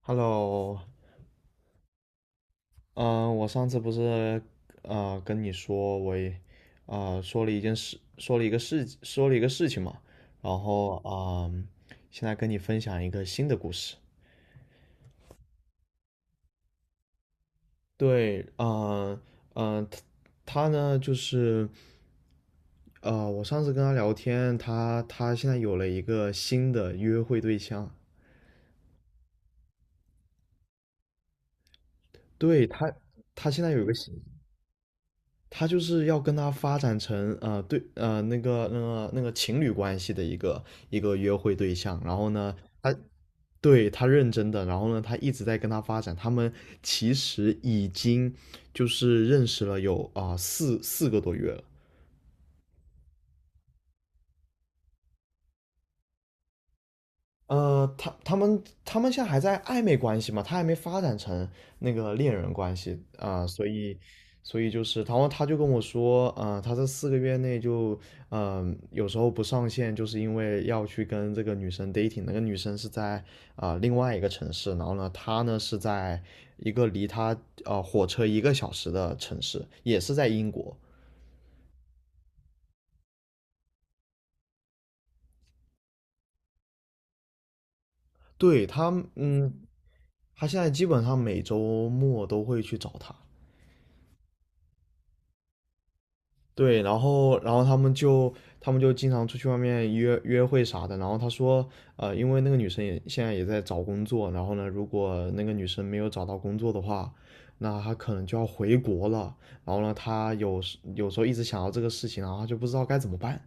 Hello，嗯、我上次不是跟你说我也说了一件事，说了一个事，说了一个事情嘛，然后啊、现在跟你分享一个新的故事。对，嗯、他他呢就是我上次跟他聊天，他现在有了一个新的约会对象，对他，他现在有一个新，他就是要跟他发展成对那个情侣关系的一个约会对象，然后呢，他对他认真的，然后呢，他一直在跟他发展，他们其实已经就是认识了有四个多月了。他们现在还在暧昧关系嘛，他还没发展成那个恋人关系所以就是，然后他就跟我说。他这4个月内就，有时候不上线，就是因为要去跟这个女生 dating，那个女生是在另外一个城市。然后呢，他呢是在一个离他火车1个小时的城市，也是在英国。对，嗯，他现在基本上每周末都会去找他。对，然后他们就经常出去外面约会啥的。然后他说，因为那个女生也现在也在找工作。然后呢，如果那个女生没有找到工作的话，那她可能就要回国了。然后呢，他有时候一直想到这个事情，然后她就不知道该怎么办。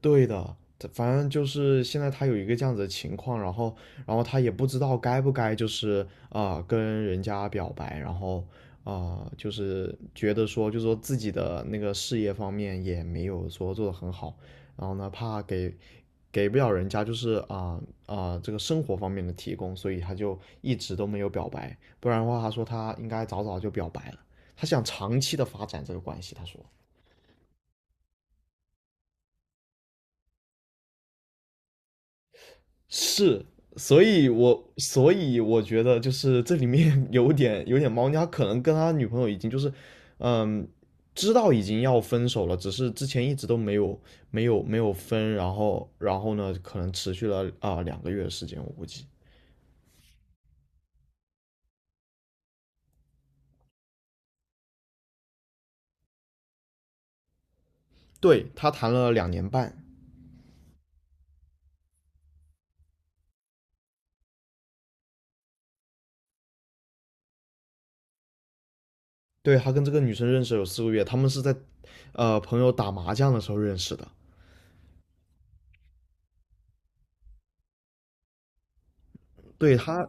对的，这反正就是现在他有一个这样子的情况。然后，他也不知道该不该就是跟人家表白，然后啊、呃就是觉得说，就是说自己的那个事业方面也没有说做得很好，然后呢怕给不了人家就是这个生活方面的提供，所以他就一直都没有表白。不然的话他说他应该早早就表白了，他想长期的发展这个关系，他说。是，所以我觉得就是这里面 有点猫腻。他可能跟他女朋友已经就是，嗯，知道已经要分手了，只是之前一直都没有分。然后然后呢，可能持续了2个月的时间，我估计。对，他谈了2年半。对，他跟这个女生认识有四个月，他们是在朋友打麻将的时候认识的。对他，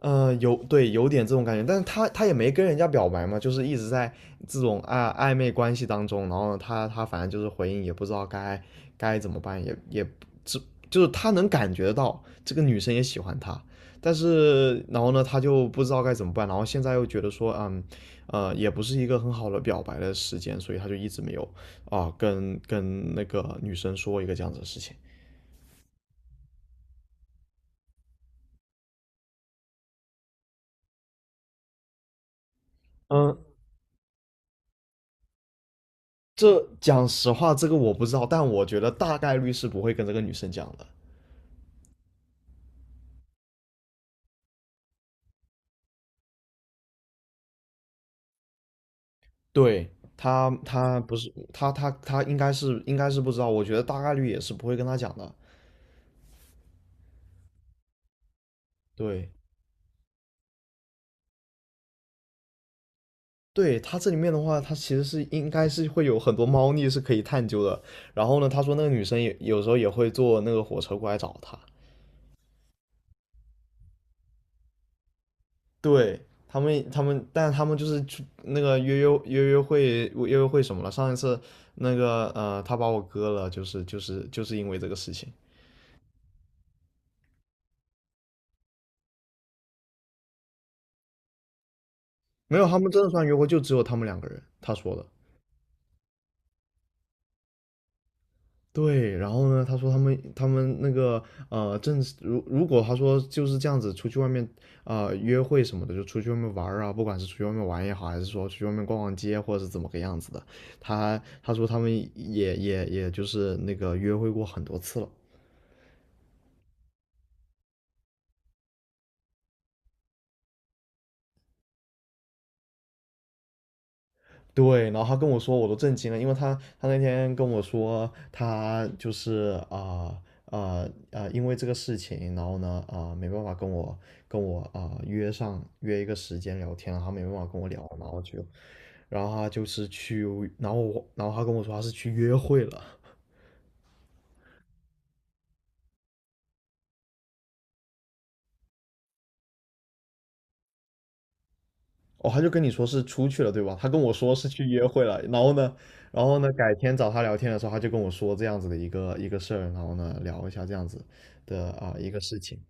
嗯，对有点这种感觉，但是他也没跟人家表白嘛，就是一直在这种暧昧关系当中。然后呢他反正就是回应也不知道该怎么办，也也只就是他能感觉到这个女生也喜欢他，但是然后呢他就不知道该怎么办。然后现在又觉得说也不是一个很好的表白的时间，所以他就一直没有跟那个女生说一个这样子的事情。嗯，这讲实话，这个我不知道，但我觉得大概率是不会跟这个女生讲的。对，他不是，他应该是，应该是不知道。我觉得大概率也是不会跟他讲的。对，对，他这里面的话，他其实是应该是会有很多猫腻是可以探究的。然后呢，他说那个女生也有时候也会坐那个火车过来找他。对。他们，但他们就是去那个约会什么了？上一次那个他把我割了，就是因为这个事情。没有，他们真的算约会，就只有他们两个人。他说的，对。然后呢，他说他们那个正是如果他说就是这样子，出去外面约会什么的，就出去外面玩儿啊，不管是出去外面玩也好，还是说出去外面逛逛街，或者是怎么个样子的，他说他们也就是那个约会过很多次了。对，然后他跟我说，我都震惊了。因为他那天跟我说，他就是因为这个事情，然后呢没办法跟我约一个时间聊天，然后他没办法跟我聊，然后就然后他就是去。然后我然后他跟我说他是去约会了。哦，他就跟你说是出去了对吧？他跟我说是去约会了。然后呢改天找他聊天的时候，他就跟我说这样子的一个事儿，然后呢聊一下这样子的一个事情。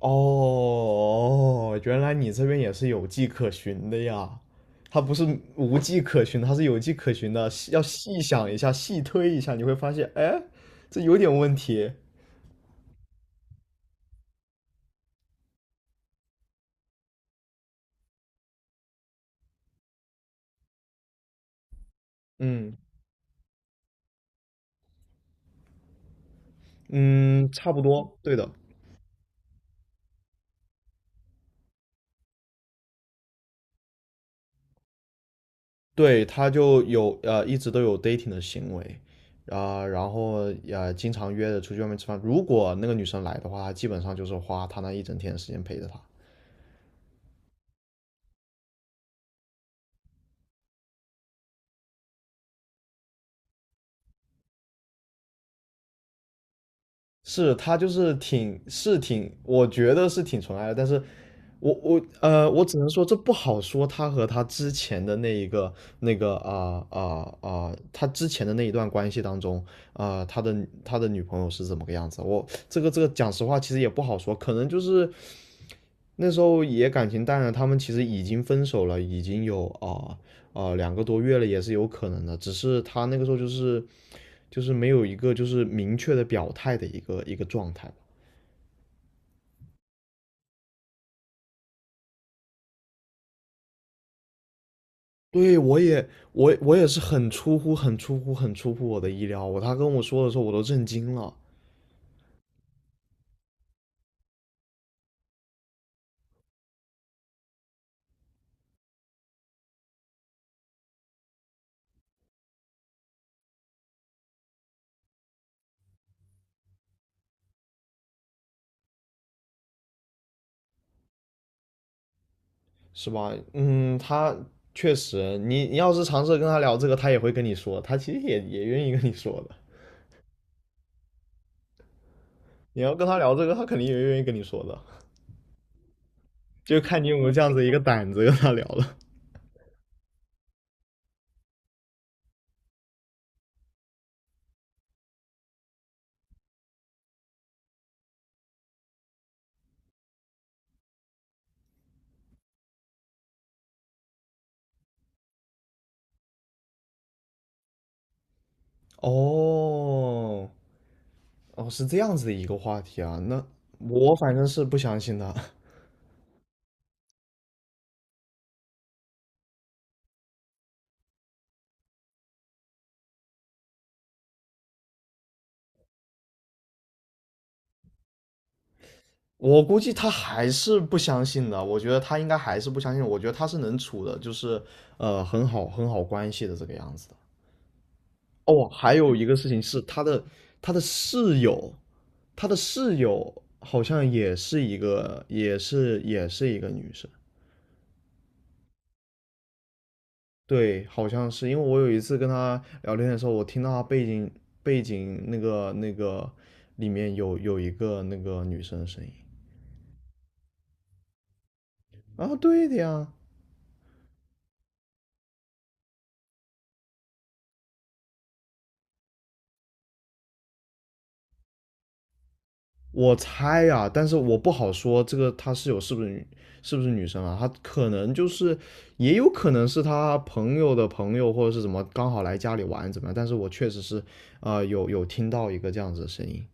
哦,原来你这边也是有迹可循的呀。他不是无迹可循，他是有迹可循的。细想一下，细推一下，你会发现，哎，这有点问题。嗯嗯，差不多，对的。对，他就有一直都有 dating 的行为，然后经常约着出去外面吃饭。如果那个女生来的话，基本上就是花他那一整天的时间陪着她。是他就是挺是挺，我觉得是挺纯爱的。但是我我只能说这不好说。他和他之前的那个他之前的那一段关系当中啊，他的女朋友是怎么个样子？我这个讲实话，其实也不好说。可能就是那时候也感情淡了，他们其实已经分手了，已经有2个多月了，也是有可能的。只是他那个时候就是没有一个就是明确的表态的一个状态。对，我也是很出乎、很出乎、很出乎我的意料。他跟我说的时候，我都震惊了，是吧？嗯，他确实。你要是尝试跟他聊这个，他也会跟你说，他其实也愿意跟你说的。你要跟他聊这个，他肯定也愿意跟你说的，就看你有没有这样子一个胆子跟他聊了。哦，哦，是这样子的一个话题啊，那我反正是不相信的。我估计他还是不相信的，我觉得他应该还是不相信，我觉得他是能处的，就是很好关系的这个样子的。哦，还有一个事情是他的室友，他的室友好像也是一个也是一个女生。对，好像是因为我有一次跟他聊天的时候，我听到他背景那个里面有一个那个女生的声音啊，对的呀。我猜啊，但是我不好说这个她室友是不是是不是女生啊？她可能就是，也有可能是她朋友的朋友或者是怎么刚好来家里玩怎么样？但是我确实是，有听到一个这样子的声音。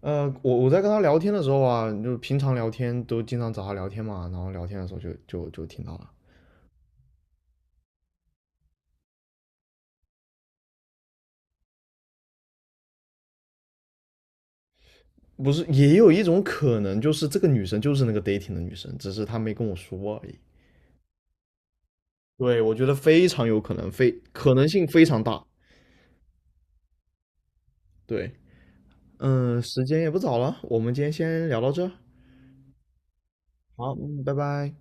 我在跟她聊天的时候啊，就平常聊天都经常找她聊天嘛，然后聊天的时候就听到了。不是，也有一种可能就是这个女生就是那个 dating 的女生，只是她没跟我说而已。对，我觉得非常有可能，非可能性非常大。对。嗯，时间也不早了，我们今天先聊到这儿。好，拜拜。